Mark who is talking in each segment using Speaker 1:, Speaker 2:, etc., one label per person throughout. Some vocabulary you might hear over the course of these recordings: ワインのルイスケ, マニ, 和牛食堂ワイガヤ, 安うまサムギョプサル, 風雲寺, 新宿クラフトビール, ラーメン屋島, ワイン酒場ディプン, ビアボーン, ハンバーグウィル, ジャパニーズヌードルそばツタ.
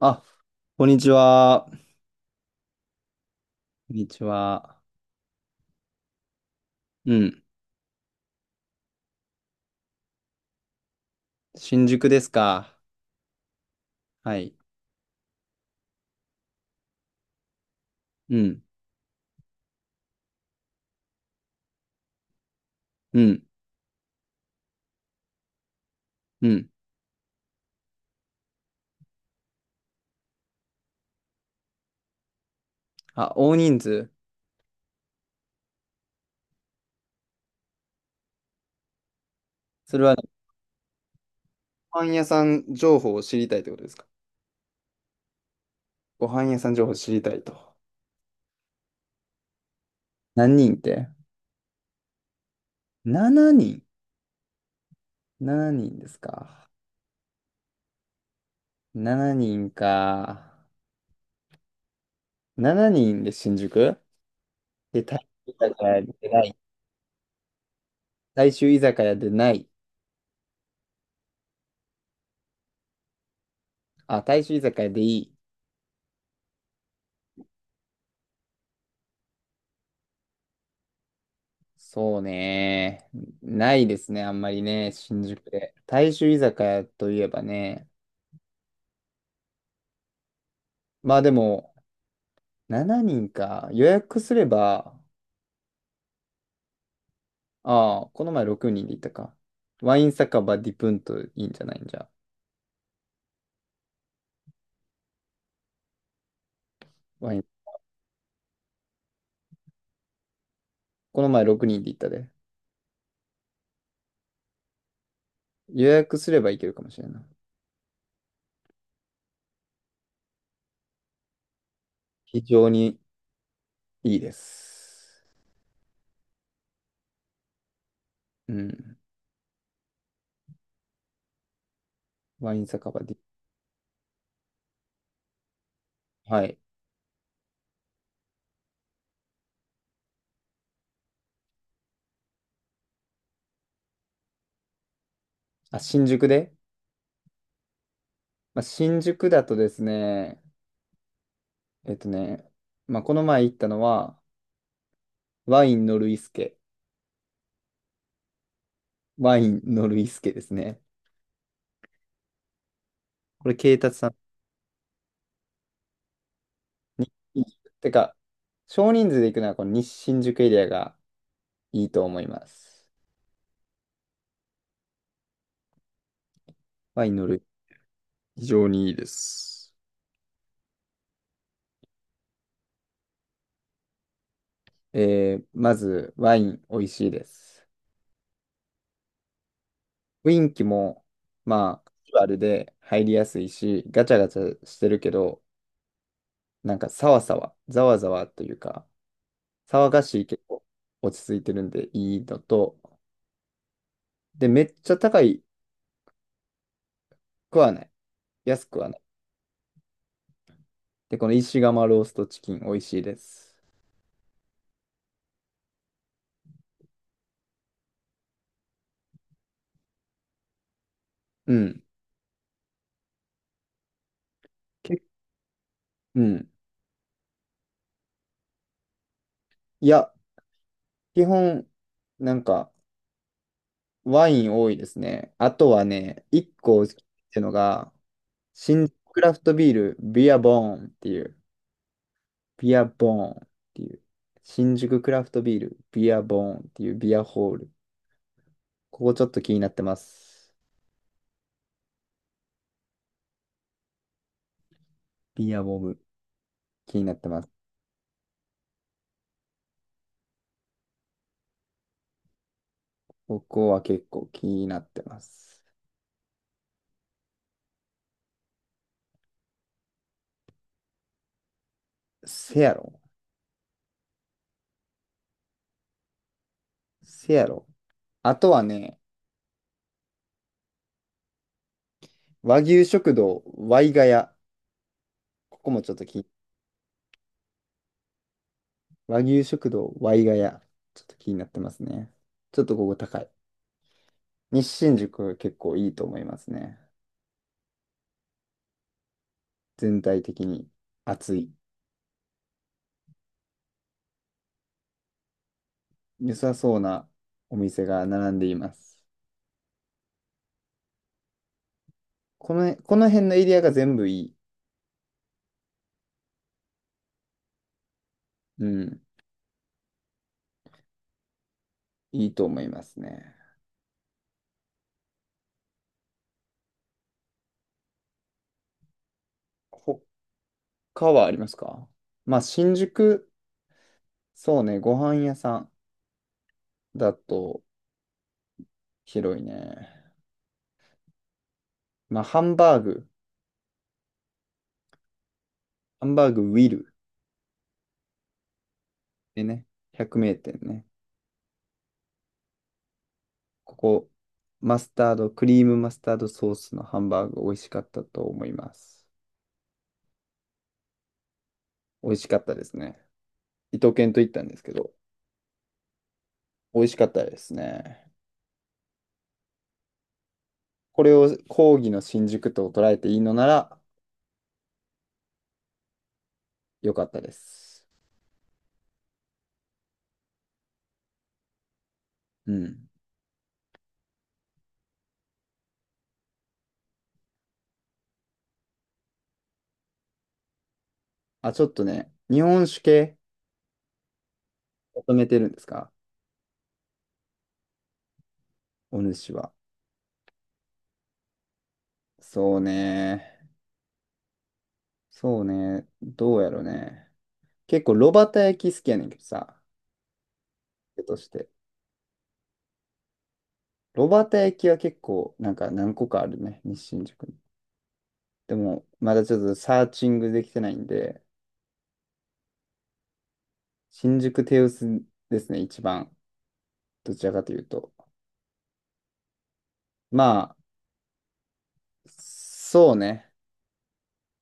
Speaker 1: あ、こんにちは。こんにちは。うん。新宿ですか。はい。うん。うん。うん。あ、大人数。それは、ご飯屋さん情報を知りたいってことですか。ご飯屋さん情報を知りたいと。何人って ?7 人。7人ですか。7人か。7人で新宿で、大衆居酒屋でない。大衆居酒屋でない。あ、大衆居酒屋でいい。そうね。ないですね、あんまりね、新宿で。大衆居酒屋といえばね。まあでも、7人か。予約すれば、ああ、この前6人で行ったか。ワイン酒場ディプンといいんじゃないんじゃ。ワイン、この前6人で行ったで。予約すれば行けるかもしれない。非常にいいです。うん。ワイン酒場ディ、はい。あ、新宿で、まあ、新宿だとですね、えっとね、まあ、この前行ったのは、ワインのルイスケ。ワインのルイスケですね。これ、慶達さんに、てか、少人数で行くのは、この西新宿エリアがいいと思います。ワインのルイ、非常にいいです。まず、ワイン美味しいです。雰囲気も、まあ、カジュアルで入りやすいし、ガチャガチャしてるけど、なんか、サワサワざわざわというか、騒がしいけど、落ち着いてるんでいいのと、で、めっちゃ高くはない。安くはない。で、この石窯ローストチキン、美味しいです。うん。け、うん。いや、基本、なんか、ワイン多いですね。あとはね、一個ってのが、新宿クラフトビール、ビアボーンっていう、ビアボーンっていう、新宿クラフトビール、ビアボーンっていうビアホール。ここちょっと気になってます。ビアボブ、気になってます。ここは結構気になってます。せやろ。せやろ。あとはね、和牛食堂ワイガヤ。ここもちょっと気、和牛食堂ワイガヤ。ちょっと気になってますね。ちょっとここ高い。西新宿は結構いいと思いますね。全体的に暑い。良さそうなお店が並んでいます。この辺のエリアが全部いい。うん。いいと思いますね。他はありますか。まあ、新宿、そうね、ご飯屋さんだと広いね。まあ、ハンバーグウィル。でね、百名店ね。ここ、マスタード、クリームマスタードソースのハンバーグ美味しかったと思います。美味しかったですね。伊藤健と行ったんですけど、美味しかったですね。これを講義の新宿と捉えていいのなら良かったです。うん。あ、ちょっとね、日本酒系求めてるんですか、お主は。そうね。そうね。どうやろね。結構、炉端焼き好きやねんけどさ、手として。ロバータ駅は結構、なんか何個かあるね、西新宿に。でも、まだちょっとサーチングできてないんで、新宿テウスですね、一番。どちらかというと。まあ、そうね。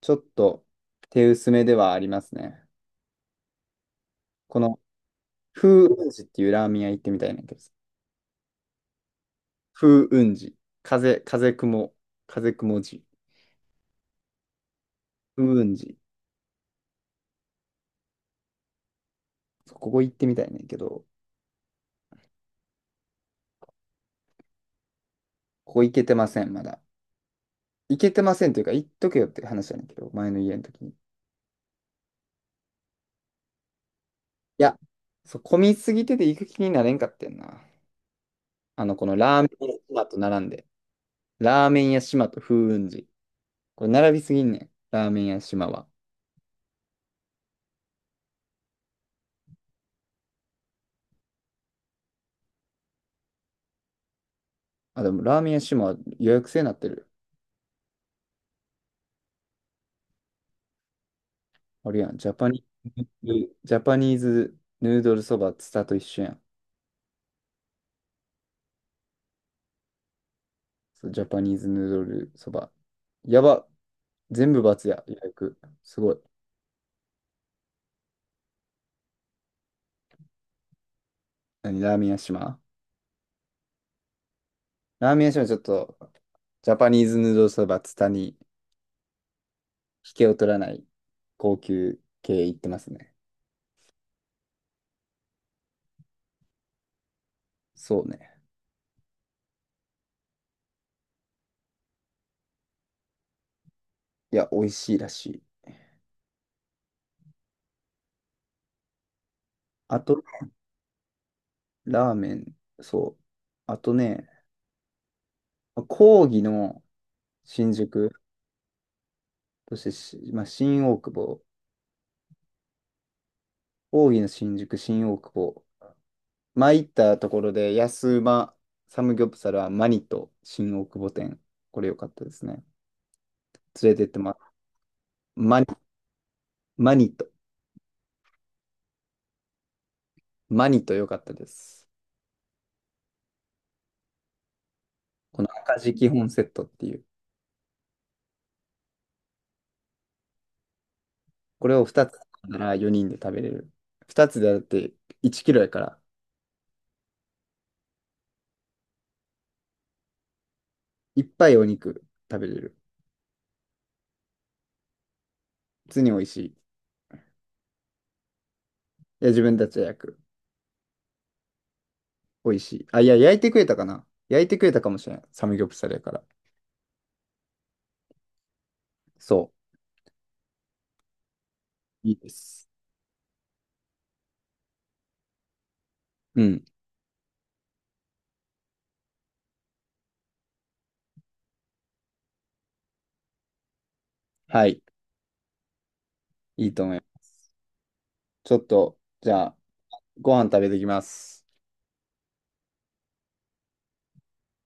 Speaker 1: ちょっと手薄めではありますね。この、風雲寺っていうラーメン屋行ってみたいなんだけどさ。風雲寺。風、風雲、風雲寺。風雲寺。そう、ここ行ってみたいねんだけど、ここ行けてません、まだ。行けてませんというか、行っとけよって話なんだけど、前の家の時に。いや、そう、混みすぎてて行く気になれんかってんな。あの、このラーメン屋島と並んで。ラーメン屋島と風雲寺。これ並びすぎんねん。ラーメン屋島は。あ、でもラーメン屋島は予約制になってる。あれやん。ジャパニーズヌードルそばツタと一緒やん。そう、ジャパニーズヌードルそば。やば。全部×や。予約。すごい。何、ラーメン屋島、ラーメン屋島はちょっと、ジャパニーズヌードルそばツタに引けを取らない高級系行ってますね。そうね。いや、美味しいらしい。あと、ラーメン、そう。あとね、講義の新宿、そしてし、まあ、新大久保、講義の新宿、新大久保。前行ったところで、安うまサムギョプサルはマニと新大久保店。これ良かったですね。連れてってもらったマニ、マニと、マニと良かったです。この赤字基本セットっていう。これを2つなら4人で食べれる。2つでだって1キロやから。いっぱいお肉食べれる。普通に美味しい。いや、自分たちで焼く。美味しい。あ、いや、焼いてくれたかもしれない。サムギョプサルやから。そう。いいです。うん。はい。いいと思います。ちょっと、じゃあ、ご飯食べてきます。